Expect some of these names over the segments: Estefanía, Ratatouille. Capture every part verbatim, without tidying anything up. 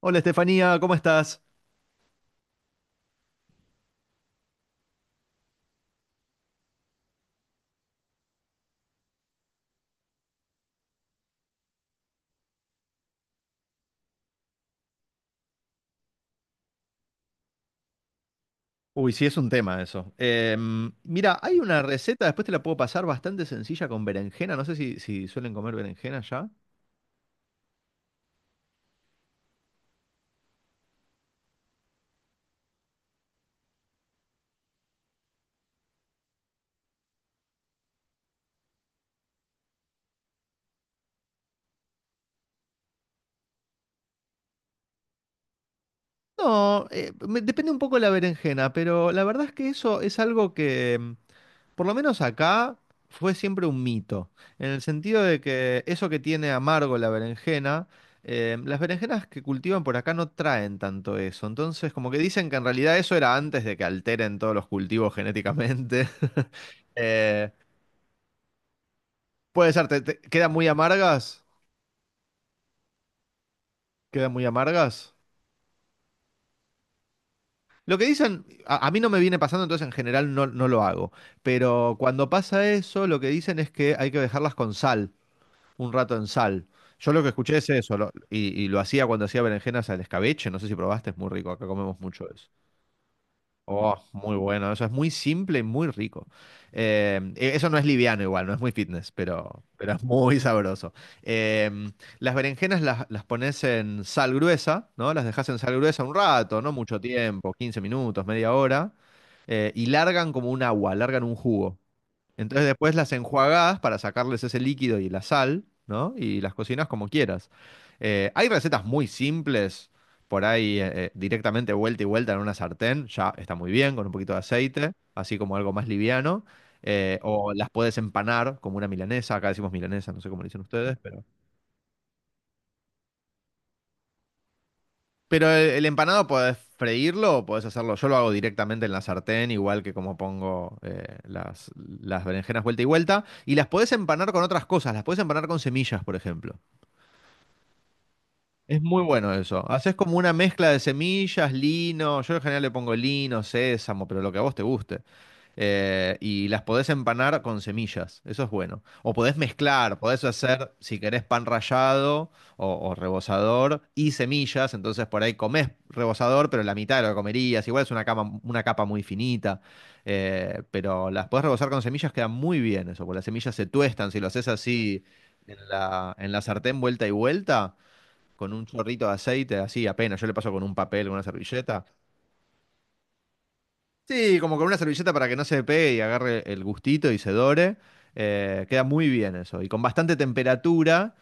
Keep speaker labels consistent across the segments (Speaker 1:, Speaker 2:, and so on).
Speaker 1: Hola Estefanía, ¿cómo estás? Uy, sí, es un tema eso. Em, mira, hay una receta, después te la puedo pasar, bastante sencilla con berenjena. No sé si, si suelen comer berenjena ya. No, eh, me- depende un poco de la berenjena, pero la verdad es que eso es algo que, por lo menos acá fue siempre un mito, en el sentido de que eso que tiene amargo la berenjena, eh, las berenjenas que cultivan por acá no traen tanto eso. Entonces, como que dicen que en realidad eso era antes de que alteren todos los cultivos genéticamente. Eh, puede ser, te, te- quedan muy amargas, quedan muy amargas. Lo que dicen, a, a mí no me viene pasando, entonces en general no, no lo hago. Pero cuando pasa eso, lo que dicen es que hay que dejarlas con sal. Un rato en sal. Yo lo que escuché es eso, lo- y, y lo hacía cuando hacía berenjenas al escabeche, no sé si probaste, es muy rico, acá comemos mucho eso. Oh, muy bueno, eso es muy simple y muy rico. Eh, e- eso no es liviano igual, no es muy fitness, pero, pero es muy sabroso. Eh, las berenjenas las, las pones en sal gruesa, ¿no? Las dejas en sal gruesa un rato, no mucho tiempo, quince minutos, media hora, eh, y largan como un agua, largan un jugo. Entonces después las enjuagás para sacarles ese líquido y la sal, ¿no? Y las cocinas como quieras. Eh, hay recetas muy simples, por ahí eh, eh, directamente vuelta y vuelta en una sartén, ya está muy bien, con un poquito de aceite, así como algo más liviano. Eh, o las puedes empanar como una milanesa, acá decimos milanesa, no sé cómo le dicen ustedes. Pero el, el empanado podés freírlo o podés hacerlo. Yo lo hago directamente en la sartén, igual que como pongo eh, las, las berenjenas vuelta y vuelta. Y las podés empanar con otras cosas. Las podés empanar con semillas, por ejemplo. Es muy bueno eso. Haces como una mezcla de semillas, lino. Yo en general le pongo lino, sésamo, pero lo que a vos te guste, eh, y las podés empanar con semillas, eso es bueno. O podés mezclar, podés hacer, si querés, pan rallado o, o rebozador y semillas, entonces por ahí comés rebozador, pero la mitad de lo que comerías, igual es una capa, una capa muy finita, eh, pero las podés rebozar con semillas, queda muy bien eso, porque las semillas se tuestan, si lo haces así en la, en la sartén vuelta y vuelta, con un chorrito de aceite, así apenas, yo le paso con un papel, con una servilleta. Sí, como con una servilleta para que no se pegue y agarre el gustito y se dore. Eh, queda muy bien eso. Y con bastante temperatura.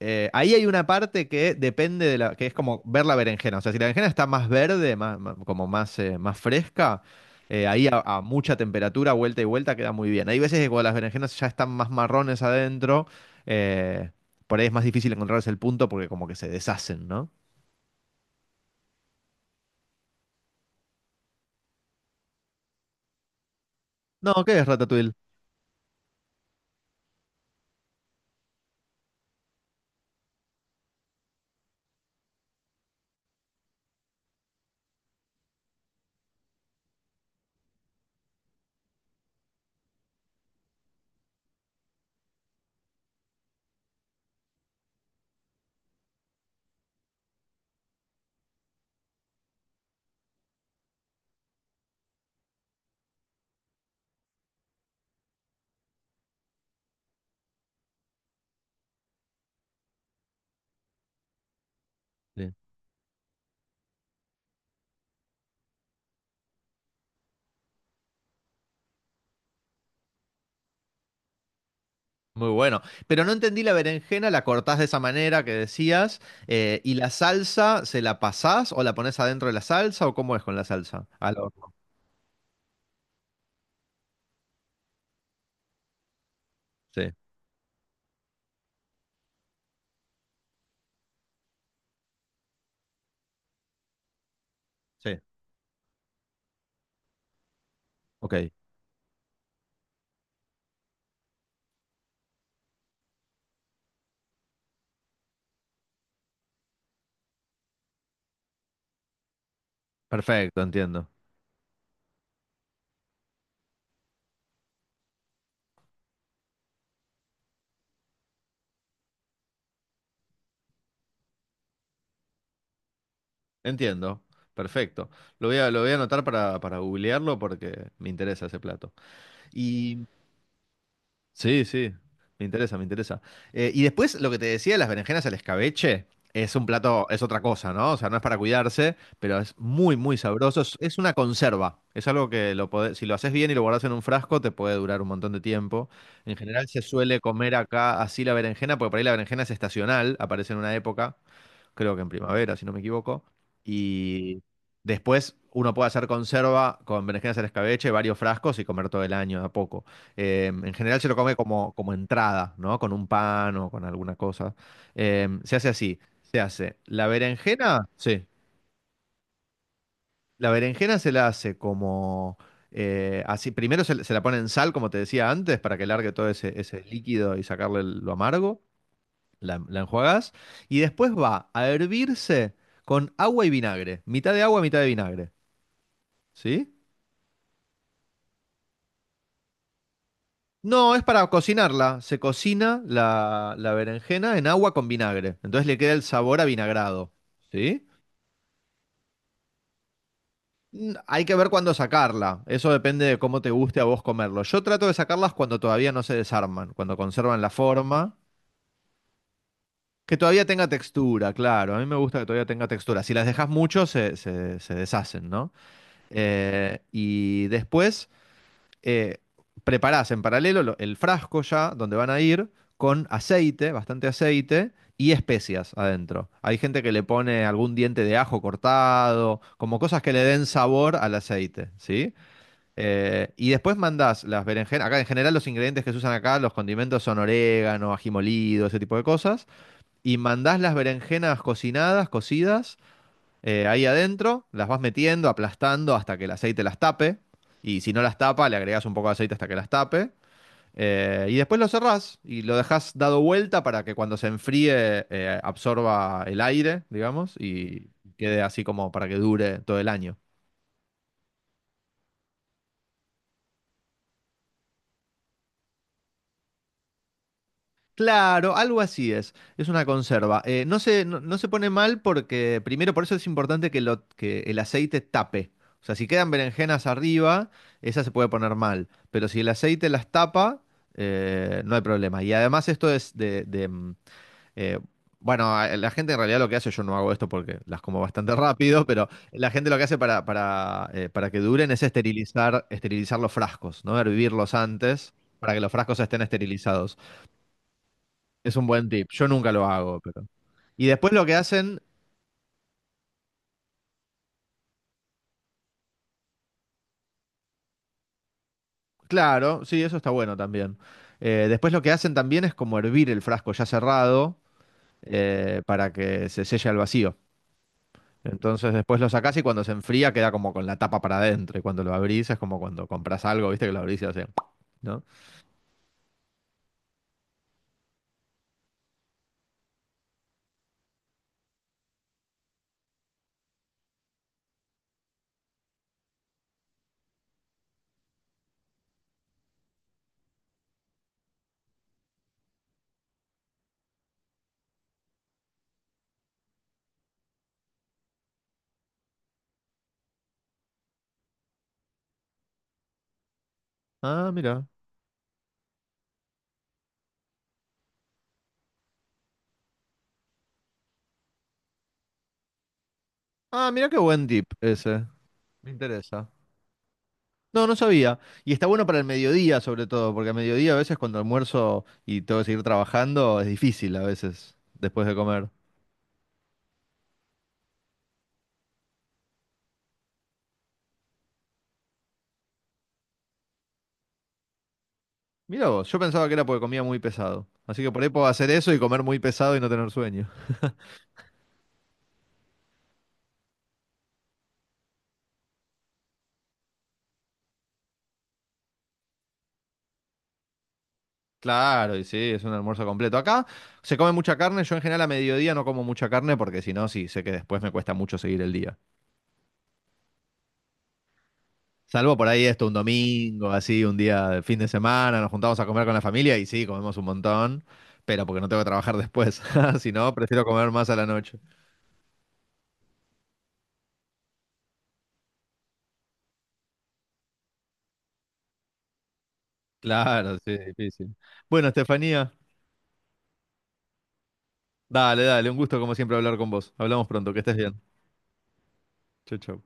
Speaker 1: Eh, ahí hay una parte que depende de la, que es como ver la berenjena. O sea, si la berenjena está más verde, más, más- como más, eh, más fresca, eh, ahí a, a mucha temperatura, vuelta y vuelta, queda muy bien. Hay veces que cuando las berenjenas ya están más marrones adentro, eh, por ahí es más difícil encontrarse el punto porque como que se deshacen, ¿no? No, ¿qué es Ratatouille? Muy bueno. Pero no entendí la berenjena, la cortás de esa manera que decías, eh, y la salsa, ¿se la pasás o la pones adentro de la salsa o cómo es con la salsa? Al horno. Sí, sí. Ok, perfecto, entiendo. Entiendo. Perfecto. Lo voy a, lo voy a anotar para, para googlearlo porque me interesa ese plato. Y sí, sí, me interesa, me interesa. Eh, y después lo que te decía, las berenjenas al escabeche, es un plato, es otra cosa, ¿no? O sea, no es para cuidarse, pero es muy, muy sabroso. Es, es una conserva. Es algo que lo podés- si lo haces bien y lo guardas en un frasco, te puede durar un montón de tiempo. En general se suele comer acá así la berenjena, porque por ahí la berenjena es estacional, aparece en una época creo que en primavera, si no me equivoco. Y después uno puede hacer conserva con berenjenas al escabeche, varios frascos y comer todo el año de a poco. Eh, en general se lo come como, como entrada, ¿no? Con un pan o con alguna cosa. Eh, se hace así, se hace. La berenjena, sí. La berenjena se la hace como... eh, así, primero se, se la pone en sal, como te decía antes, para que largue todo ese, ese líquido y sacarle el- lo amargo, la, la enjuagás y después va a hervirse con agua y vinagre, mitad de agua, mitad de vinagre, ¿sí? No, es para cocinarla, se cocina la, la berenjena en agua con vinagre, entonces le queda el sabor a vinagrado, ¿sí? Mm, hay que ver cuándo sacarla, eso depende de cómo te guste a vos comerlo. Yo trato de sacarlas cuando todavía no se desarman, cuando conservan la forma. Que todavía tenga textura, claro. A mí me gusta que todavía tenga textura. Si las dejas mucho, se, se- se deshacen, ¿no? Eh, y después eh, preparás en paralelo lo- el frasco ya, donde van a ir, con aceite, bastante aceite y especias adentro. Hay gente que le pone algún diente de ajo cortado, como cosas que le den sabor al aceite, ¿sí? Eh, y después mandás las berenjenas. Acá en general los ingredientes que se usan acá, los condimentos son orégano, ají molido, ese tipo de cosas. Y mandás las berenjenas cocinadas, cocidas, eh, ahí adentro, las vas metiendo, aplastando hasta que el aceite las tape. Y si no las tapa, le agregás un poco de aceite hasta que las tape. Eh, y después lo cerrás y lo dejás dado vuelta para que cuando se enfríe eh, absorba el aire, digamos, y quede así como para que dure todo el año. Claro, algo así es. Es una conserva. Eh, no se, no, no se pone mal porque, primero, por eso es importante que, lo, que el aceite tape. O sea, si quedan berenjenas arriba, esa se puede poner mal. Pero si el aceite las tapa, eh, no hay problema. Y además esto es de... de, mm, eh, bueno, a- la gente en realidad lo que hace, yo no hago esto porque las como bastante rápido, pero la gente lo que hace para, para, eh, para que duren es esterilizar, esterilizar los frascos, ¿no? Hervirlos antes para que los frascos estén esterilizados. Es un buen tip. Yo nunca lo hago, pero. Y después lo que hacen, claro, sí, eso está bueno también. Eh, después lo que hacen también es como hervir el frasco ya cerrado, eh, para que se selle al vacío. Entonces después lo sacás y cuando se enfría queda como con la tapa para adentro. Y cuando lo abrís es como cuando compras algo, viste que lo abrís y hace, ¿no? Ah, mira. Ah, mira qué buen tip ese. Me interesa. No, no sabía. Y está bueno para el mediodía, sobre todo, porque a mediodía a veces cuando almuerzo y tengo que seguir trabajando, es difícil a veces después de comer. Mira vos, yo pensaba que era porque comía muy pesado. Así que por ahí puedo hacer eso y comer muy pesado y no tener sueño. Claro, y sí, es un almuerzo completo. Acá se come mucha carne, yo en general a mediodía no como mucha carne porque si no, sí, sé que después me cuesta mucho seguir el día. Salvo por ahí esto, un domingo, así, un día de fin de semana, nos juntamos a comer con la familia y sí, comemos un montón, pero porque no tengo que trabajar después. Si no, prefiero comer más a la noche. Claro, sí, difícil. Bueno, Estefanía, dale, dale, un gusto como siempre hablar con vos. Hablamos pronto, que estés bien. Chau, chau.